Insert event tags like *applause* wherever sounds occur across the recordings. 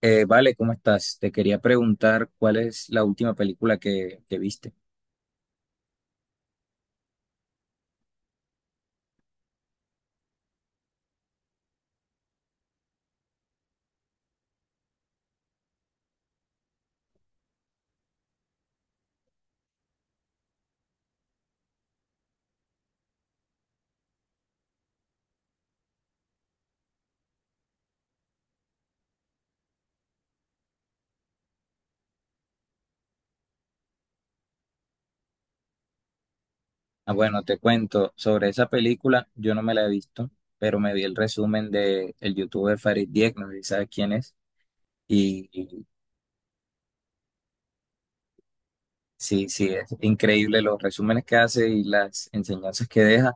Vale, ¿Cómo estás? Te quería preguntar cuál es la última película que viste. Ah, bueno, te cuento sobre esa película. Yo no me la he visto, pero me vi el resumen de el youtuber Farid Dieck, no sé si sabes quién es. Y, y sí, sí, es increíble los resúmenes que hace y las enseñanzas que deja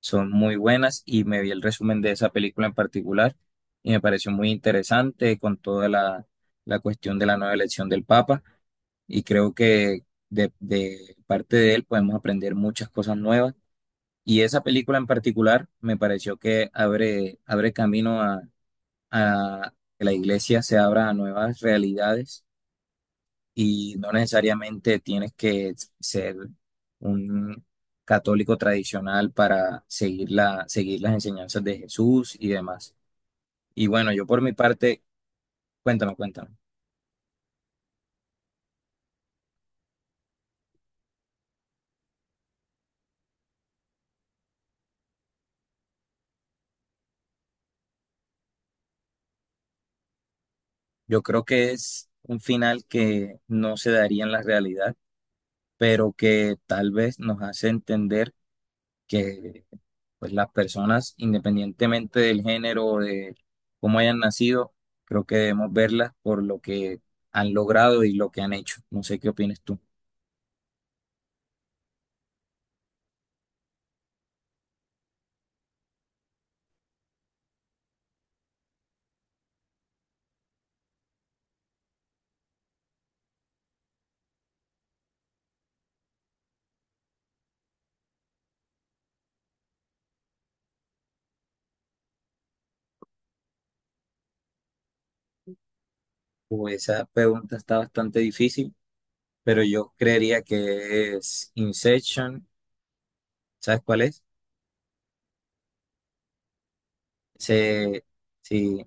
son muy buenas. Y me vi el resumen de esa película en particular y me pareció muy interesante con la cuestión de la nueva elección del Papa. Y creo que de parte de él podemos aprender muchas cosas nuevas. Y esa película en particular me pareció que abre camino a que la iglesia se abra a nuevas realidades y no necesariamente tienes que ser un católico tradicional para seguir seguir las enseñanzas de Jesús y demás. Y bueno, yo por mi parte, cuéntame, cuéntame. Yo creo que es un final que no se daría en la realidad pero que tal vez nos hace entender que pues, las personas, independientemente del género o de cómo hayan nacido, creo que debemos verlas por lo que han logrado y lo que han hecho. No sé qué opinas tú. Pues esa pregunta está bastante difícil, pero yo creería que es Inception, ¿sabes cuál es? Se, sí,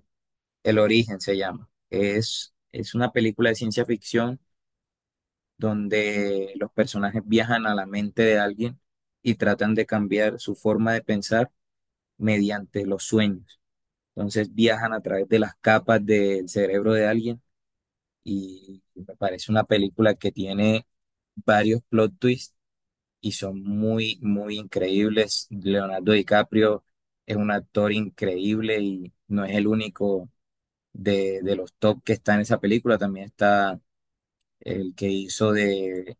El origen se llama. Es una película de ciencia ficción donde los personajes viajan a la mente de alguien y tratan de cambiar su forma de pensar mediante los sueños. Entonces viajan a través de las capas del cerebro de alguien y me parece una película que tiene varios plot twists y son muy increíbles. Leonardo DiCaprio es un actor increíble y no es el único de los top que está en esa película. También está el que hizo de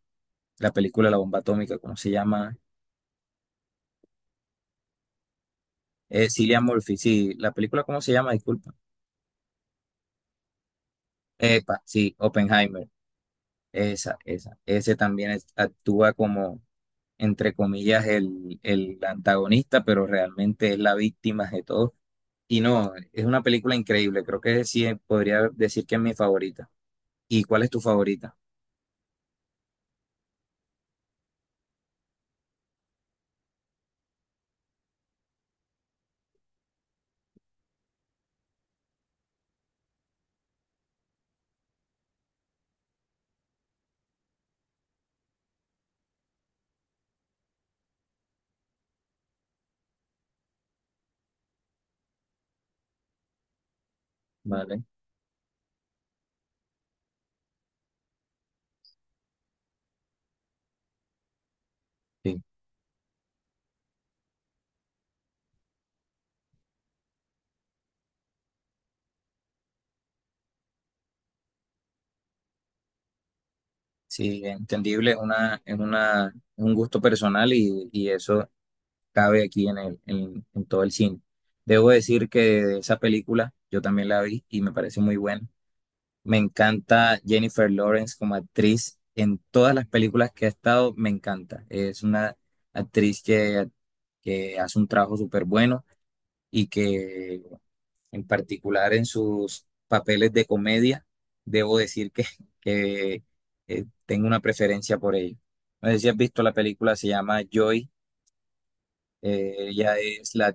la película La Bomba Atómica, ¿cómo se llama? Cillian Murphy, sí, la película, ¿cómo se llama? Disculpa. Epa, sí, Oppenheimer, esa. Ese también es- actúa entre comillas, el antagonista, pero realmente es la víctima de todo. Y no, es una película increíble, creo que sí, podría decir que es mi favorita. ¿Y cuál es tu favorita? Vale, sí. Sí, entendible, es un gusto personal y eso cabe aquí en en todo el cine. Debo decir que de esa película yo también la vi y me pareció muy buena. Me encanta Jennifer Lawrence como actriz. En todas las películas que ha estado, me encanta. Es una actriz que, que hace un trabajo súper bueno y que en particular en sus papeles de comedia, debo decir que, *laughs* que tengo una preferencia por ella. No sé si has visto la película, se llama Joy. Ella es la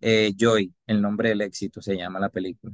Joy, el nombre del éxito, se llama la película.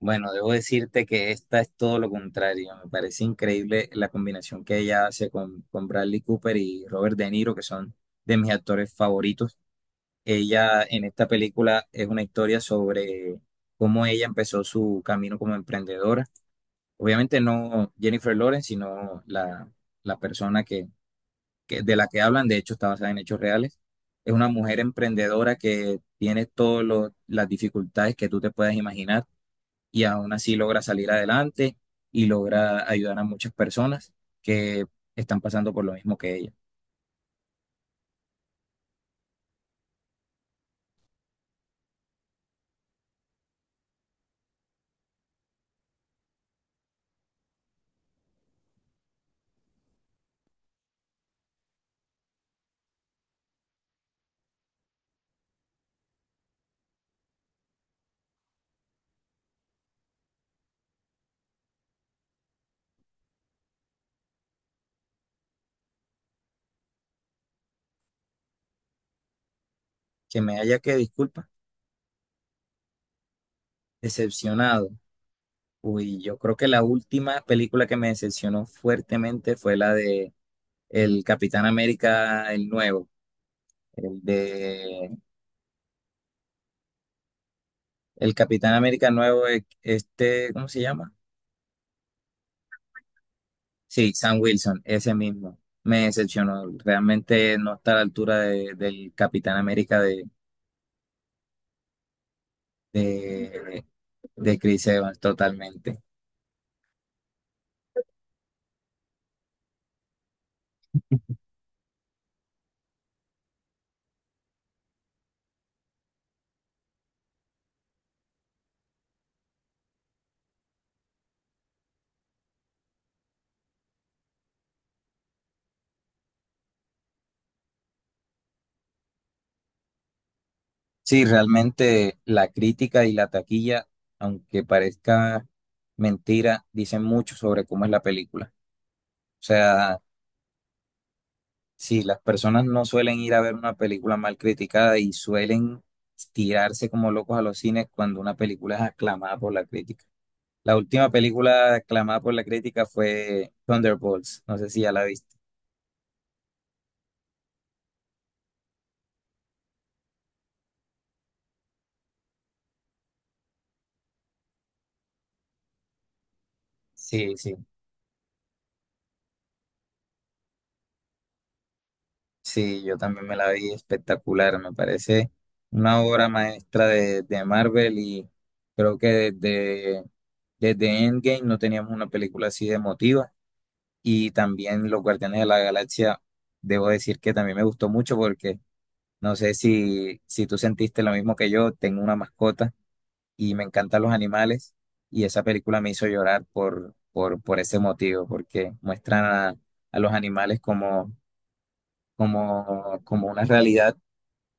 Bueno, debo decirte que esta es todo lo contrario. Me parece increíble la combinación que ella hace con Bradley Cooper y Robert De Niro, que son de mis actores favoritos. Ella en esta película es una historia sobre cómo ella empezó su camino como emprendedora. Obviamente no Jennifer Lawrence, sino la persona de la que hablan, de hecho está basada en hechos reales. Es una mujer emprendedora que tiene todas las dificultades que tú te puedas imaginar y aún así logra salir adelante y logra ayudar a muchas personas que están pasando por lo mismo que ella. Que me haya que disculpa, decepcionado. Uy, yo creo que la última película que me decepcionó fuertemente fue la de El Capitán América, el nuevo, el de El Capitán América nuevo, ¿cómo se llama? Sí, Sam Wilson, ese mismo. Me decepcionó. Realmente no está a la altura de- del Capitán América de, de Chris Evans totalmente. Sí, realmente la crítica y la taquilla, aunque parezca mentira, dicen mucho sobre cómo es la película. O sea, sí, las personas no suelen ir a ver una película mal criticada y suelen tirarse como locos a los cines cuando una película es aclamada por la crítica. La última película aclamada por la crítica fue Thunderbolts. No sé si ya la viste. Sí, sí, sí, yo también me la vi espectacular. Me parece una obra maestra de Marvel y creo que desde Endgame no teníamos una película así de emotiva. Y también Los Guardianes de la Galaxia, debo decir que también me gustó mucho porque no sé si tú sentiste lo mismo que yo, tengo una mascota y me encantan los animales y esa película me hizo llorar por ese motivo, porque muestran a los animales como una realidad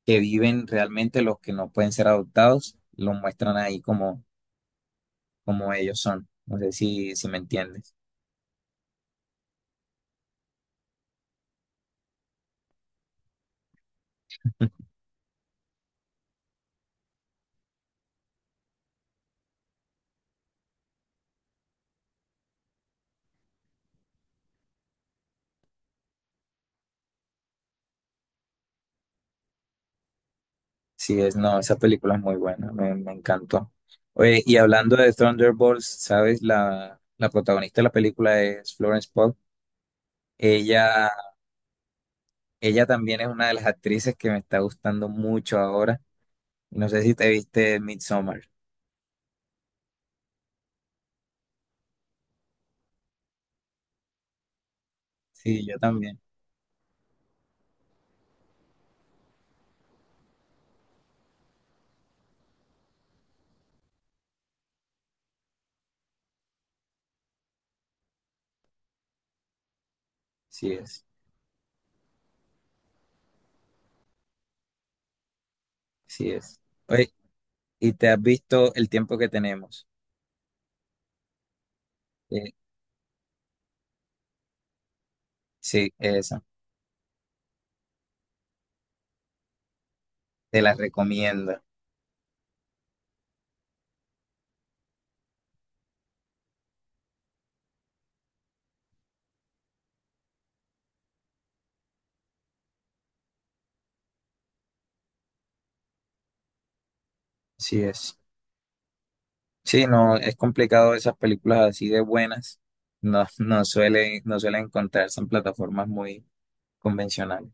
que viven realmente los que no pueden ser adoptados, los muestran ahí como, como ellos son. No sé si me entiendes. Sí, es, no, esa película es muy buena, me encantó. Oye, y hablando de Thunderbolts, ¿sabes? La protagonista de la película es Florence Pugh. Ella Ella también es una de las actrices que me está gustando mucho ahora. No sé si te viste Midsommar. Sí, yo también. Sí es, sí es. Oye, ¿y te has visto El tiempo que tenemos? Eh, sí, esa. Te la recomiendo. Sí es. Sí, no, es complicado esas películas así de buenas. No suelen encontrarse en plataformas muy convencionales.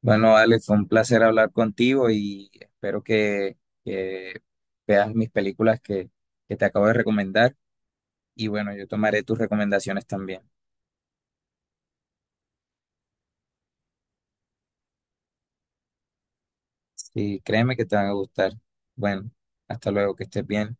Bueno, Ale, fue un placer hablar contigo y espero que veas mis películas que te acabo de recomendar. Y bueno, yo tomaré tus recomendaciones también. Sí, créeme que te van a gustar. Bueno, hasta luego, que estés bien.